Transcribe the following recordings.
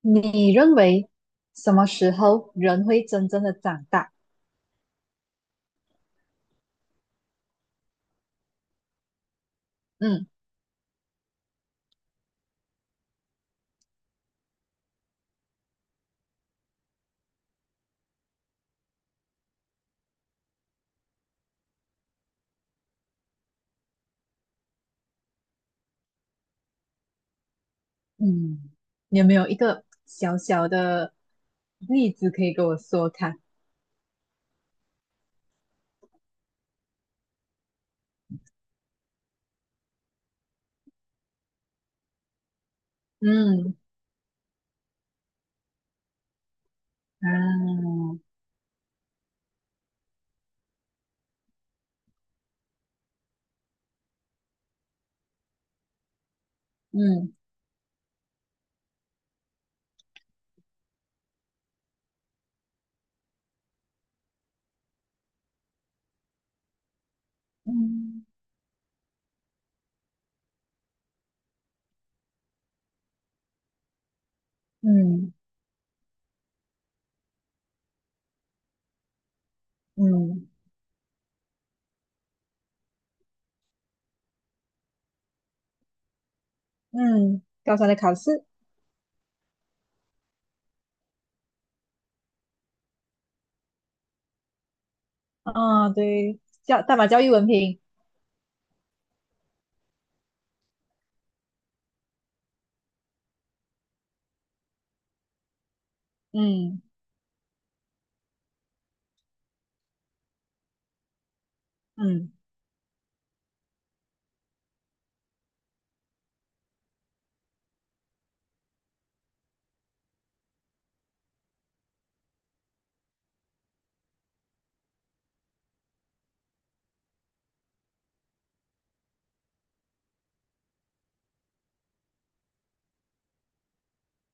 你认为什么时候人会真正的长大？嗯嗯，你有没有一个小小的例子可以跟我说看？嗯啊，嗯嗯嗯嗯嗯，高三的考试啊，对，教大马教育文凭，嗯嗯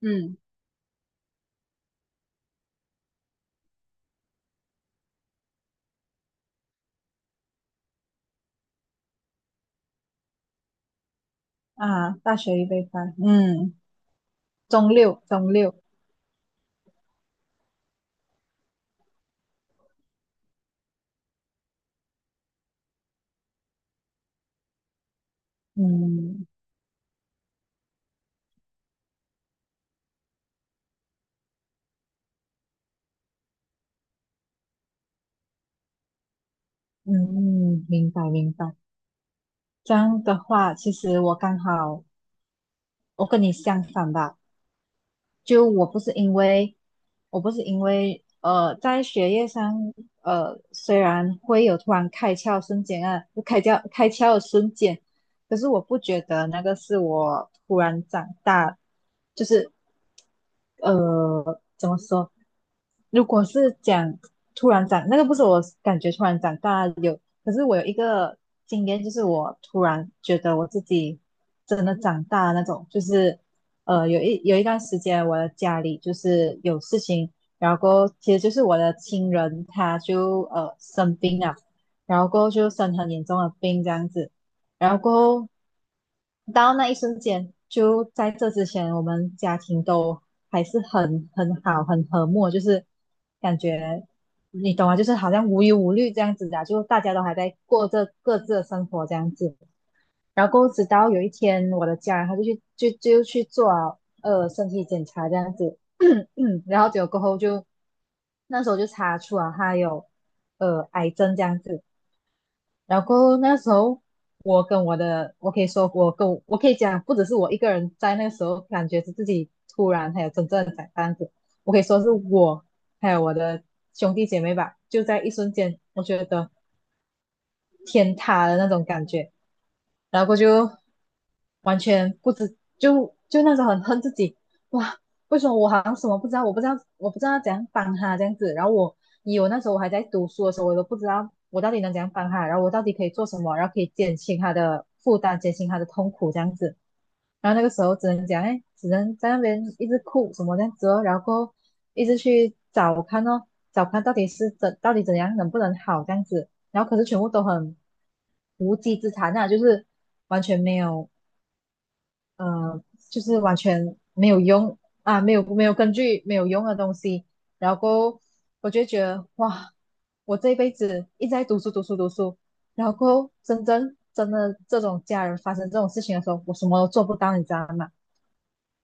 嗯啊，大学预备班，嗯，中六中六，嗯嗯嗯，明白明白。这样的话，其实我刚好我跟你相反吧，就我不是因为在学业上，虽然会有突然开窍瞬间啊，就开窍的瞬间，可是我不觉得那个是我突然长大，就是，怎么说？如果是讲突然长，那个不是我感觉突然长大有，可是我有一个经验，就是我突然觉得我自己真的长大那种，就是。有一段时间，我的家里就是有事情，然后过后其实就是我的亲人他就生病了，然后过后就生很严重的病这样子，然后过后到那一瞬间，就在这之前，我们家庭都还是很好，很和睦，就是感觉你懂吗？就是好像无忧无虑这样子的啊就大家都还在过着各自的生活这样子。然后直到有一天，我的家人他就去就就去做了身体检查这样子，然后结果过后就那时候就查出啊他有癌症这样子，然后过后那时候我跟我的我可以说我跟我我可以讲不只是我一个人在那个时候感觉是自己突然还有真正的长大这样子，我可以说是我还有我的兄弟姐妹吧，就在一瞬间我觉得。天塌的那种感觉，然后完全不知就就那时候很恨自己，哇，为什么我好像什么不知道，我不知道怎样帮他这样子，然后我那时候我还在读书的时候，我都不知道我到底能怎样帮他，然后我到底可以做什么，然后可以减轻他的负担，减轻他的痛苦这样子，然后那个时候只能讲，哎，只能在那边一直哭什么这样子哦，然后一直去找看哦，找看到底是到底怎样能不能好这样子，然后可是全部都很无稽之谈啊，就是完全没有呃，就是完全没有用啊，没有根据没有用的东西，然后我就觉得哇，我这一辈子一直在读书，然后真的这种家人发生这种事情的时候，我什么都做不到，你知道吗？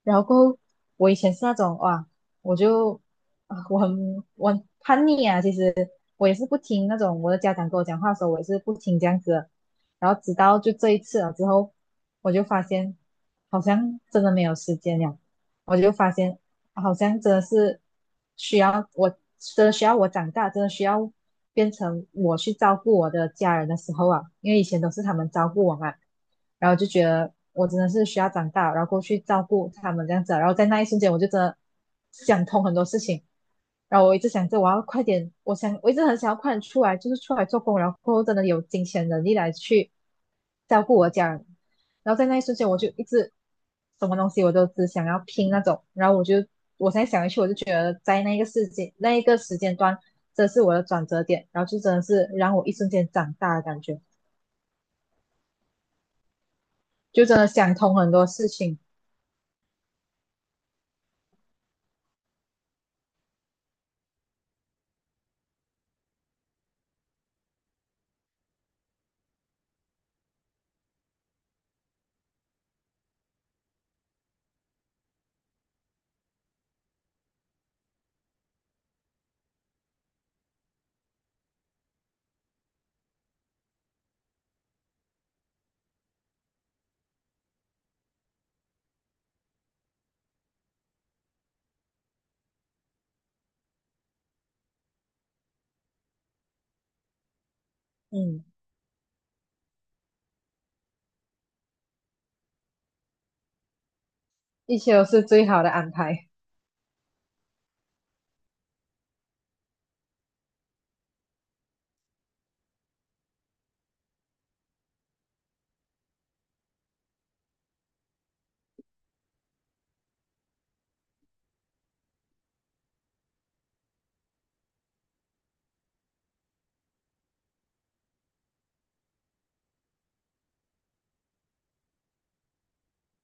然后过后我以前是那种哇，我就啊，我很叛逆啊，其实我也是不听那种我的家长跟我讲话的时候，我也是不听这样子的。然后直到就这一次了之后，我就发现好像真的没有时间了。我就发现好像真的是需要我，真的需要我长大，真的需要变成我去照顾我的家人的时候啊，因为以前都是他们照顾我嘛，然后就觉得我真的是需要长大，然后过去照顾他们这样子啊然后在那一瞬间我就真的想通很多事情，然后我一直想着我要快点，我一直很想要快点出来，就是出来做工，然后真的有金钱能力来去照顾我家人，然后在那一瞬间，我就一直什么东西我都只想要拼那种，然后我才想一去，我就觉得在那个世界那一个时间段，这是我的转折点，然后就真的是让我一瞬间长大的感觉，就真的想通很多事情，嗯，一切都是最好的安排，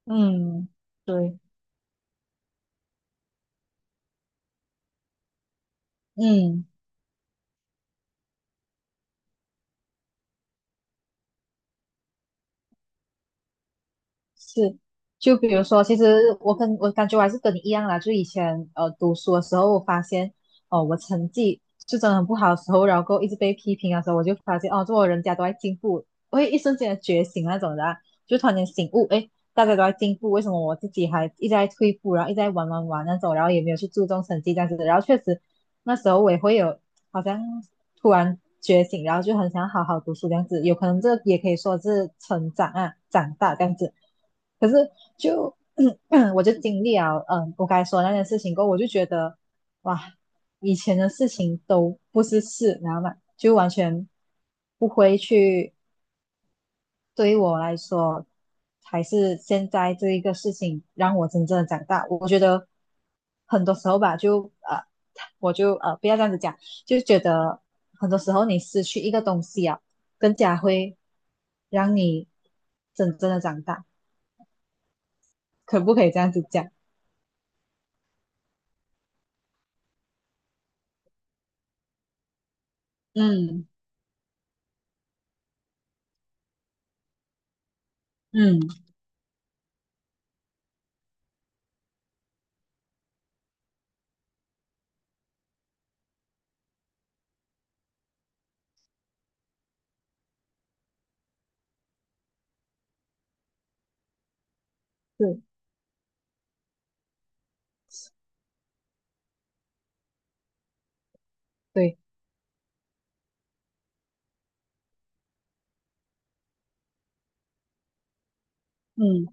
嗯，对。嗯。是，就比如说，其实我感觉我还是跟你一样啦，就以前读书的时候，我发现哦，我成绩是真的很不好的时候，然后过后一直被批评的时候，我就发现哦，做人家都在进步，我会一瞬间的觉醒那种的啊就突然间醒悟，诶，大家都在进步，为什么我自己还一直在退步，然后一直在玩那种，然后也没有去注重成绩这样子，的，然后确实那时候我也会有好像突然觉醒，然后就很想好好读书这样子。有可能这也可以说是成长啊，长大这样子。可是就 我就经历了，嗯，我刚才说的那件事情过后，我就觉得哇，以前的事情都不是事，然后嘛，就完全不会去对于我来说，还是现在这一个事情让我真正的长大。我觉得很多时候吧，就我就不要这样子讲，就觉得很多时候你失去一个东西啊，更加会让你真正的长大。可不可以这样子讲？嗯嗯对对。嗯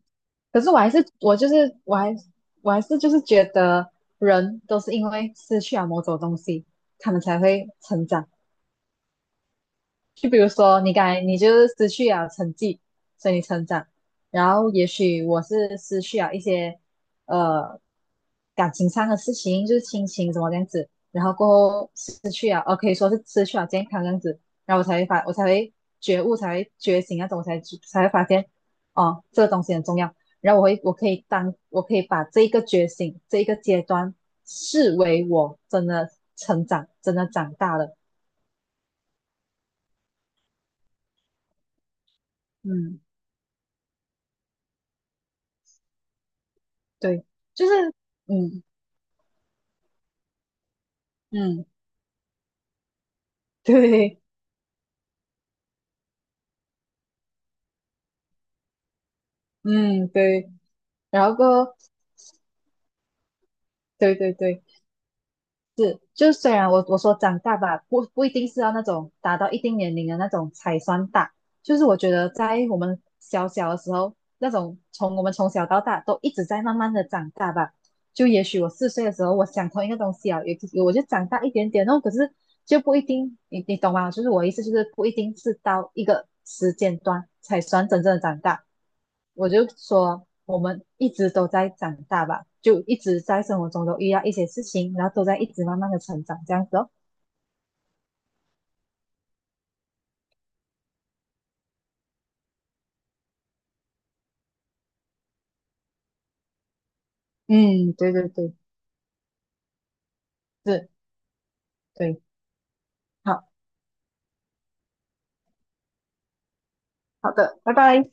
可是我还我还是就是觉得人都是因为失去了某种东西，他们才会成长。就比如说，你刚才你就是失去了成绩，所以你成长。然后也许我是失去了一些呃感情上的事情，就是亲情什么这样子。然后过后失去了，哦，可以说是失去了健康这样子。然后我才会觉悟，才会觉醒那种，我才会发现哦，这个东西很重要。然后我可以把这一个觉醒，这一个阶段视为我真的成长，真的长大了。嗯。对，就是，嗯嗯，对，嗯对，然后过，对对对，就虽然我说长大吧，不一定是要那种达到一定年龄的那种才算大，就是我觉得在我们小小的时候，那种从我们从小到大都一直在慢慢的长大吧，就也许我4岁的时候，我想同一个东西啊，也我就长大一点点哦，可是就不一定，你你懂吗？就是我意思就是不一定是到一个时间段才算真正的长大。我就说，我们一直都在长大吧，就一直在生活中都遇到一些事情，然后都在一直慢慢的成长，这样子哦。嗯，对对对，是，对，好好的，拜拜。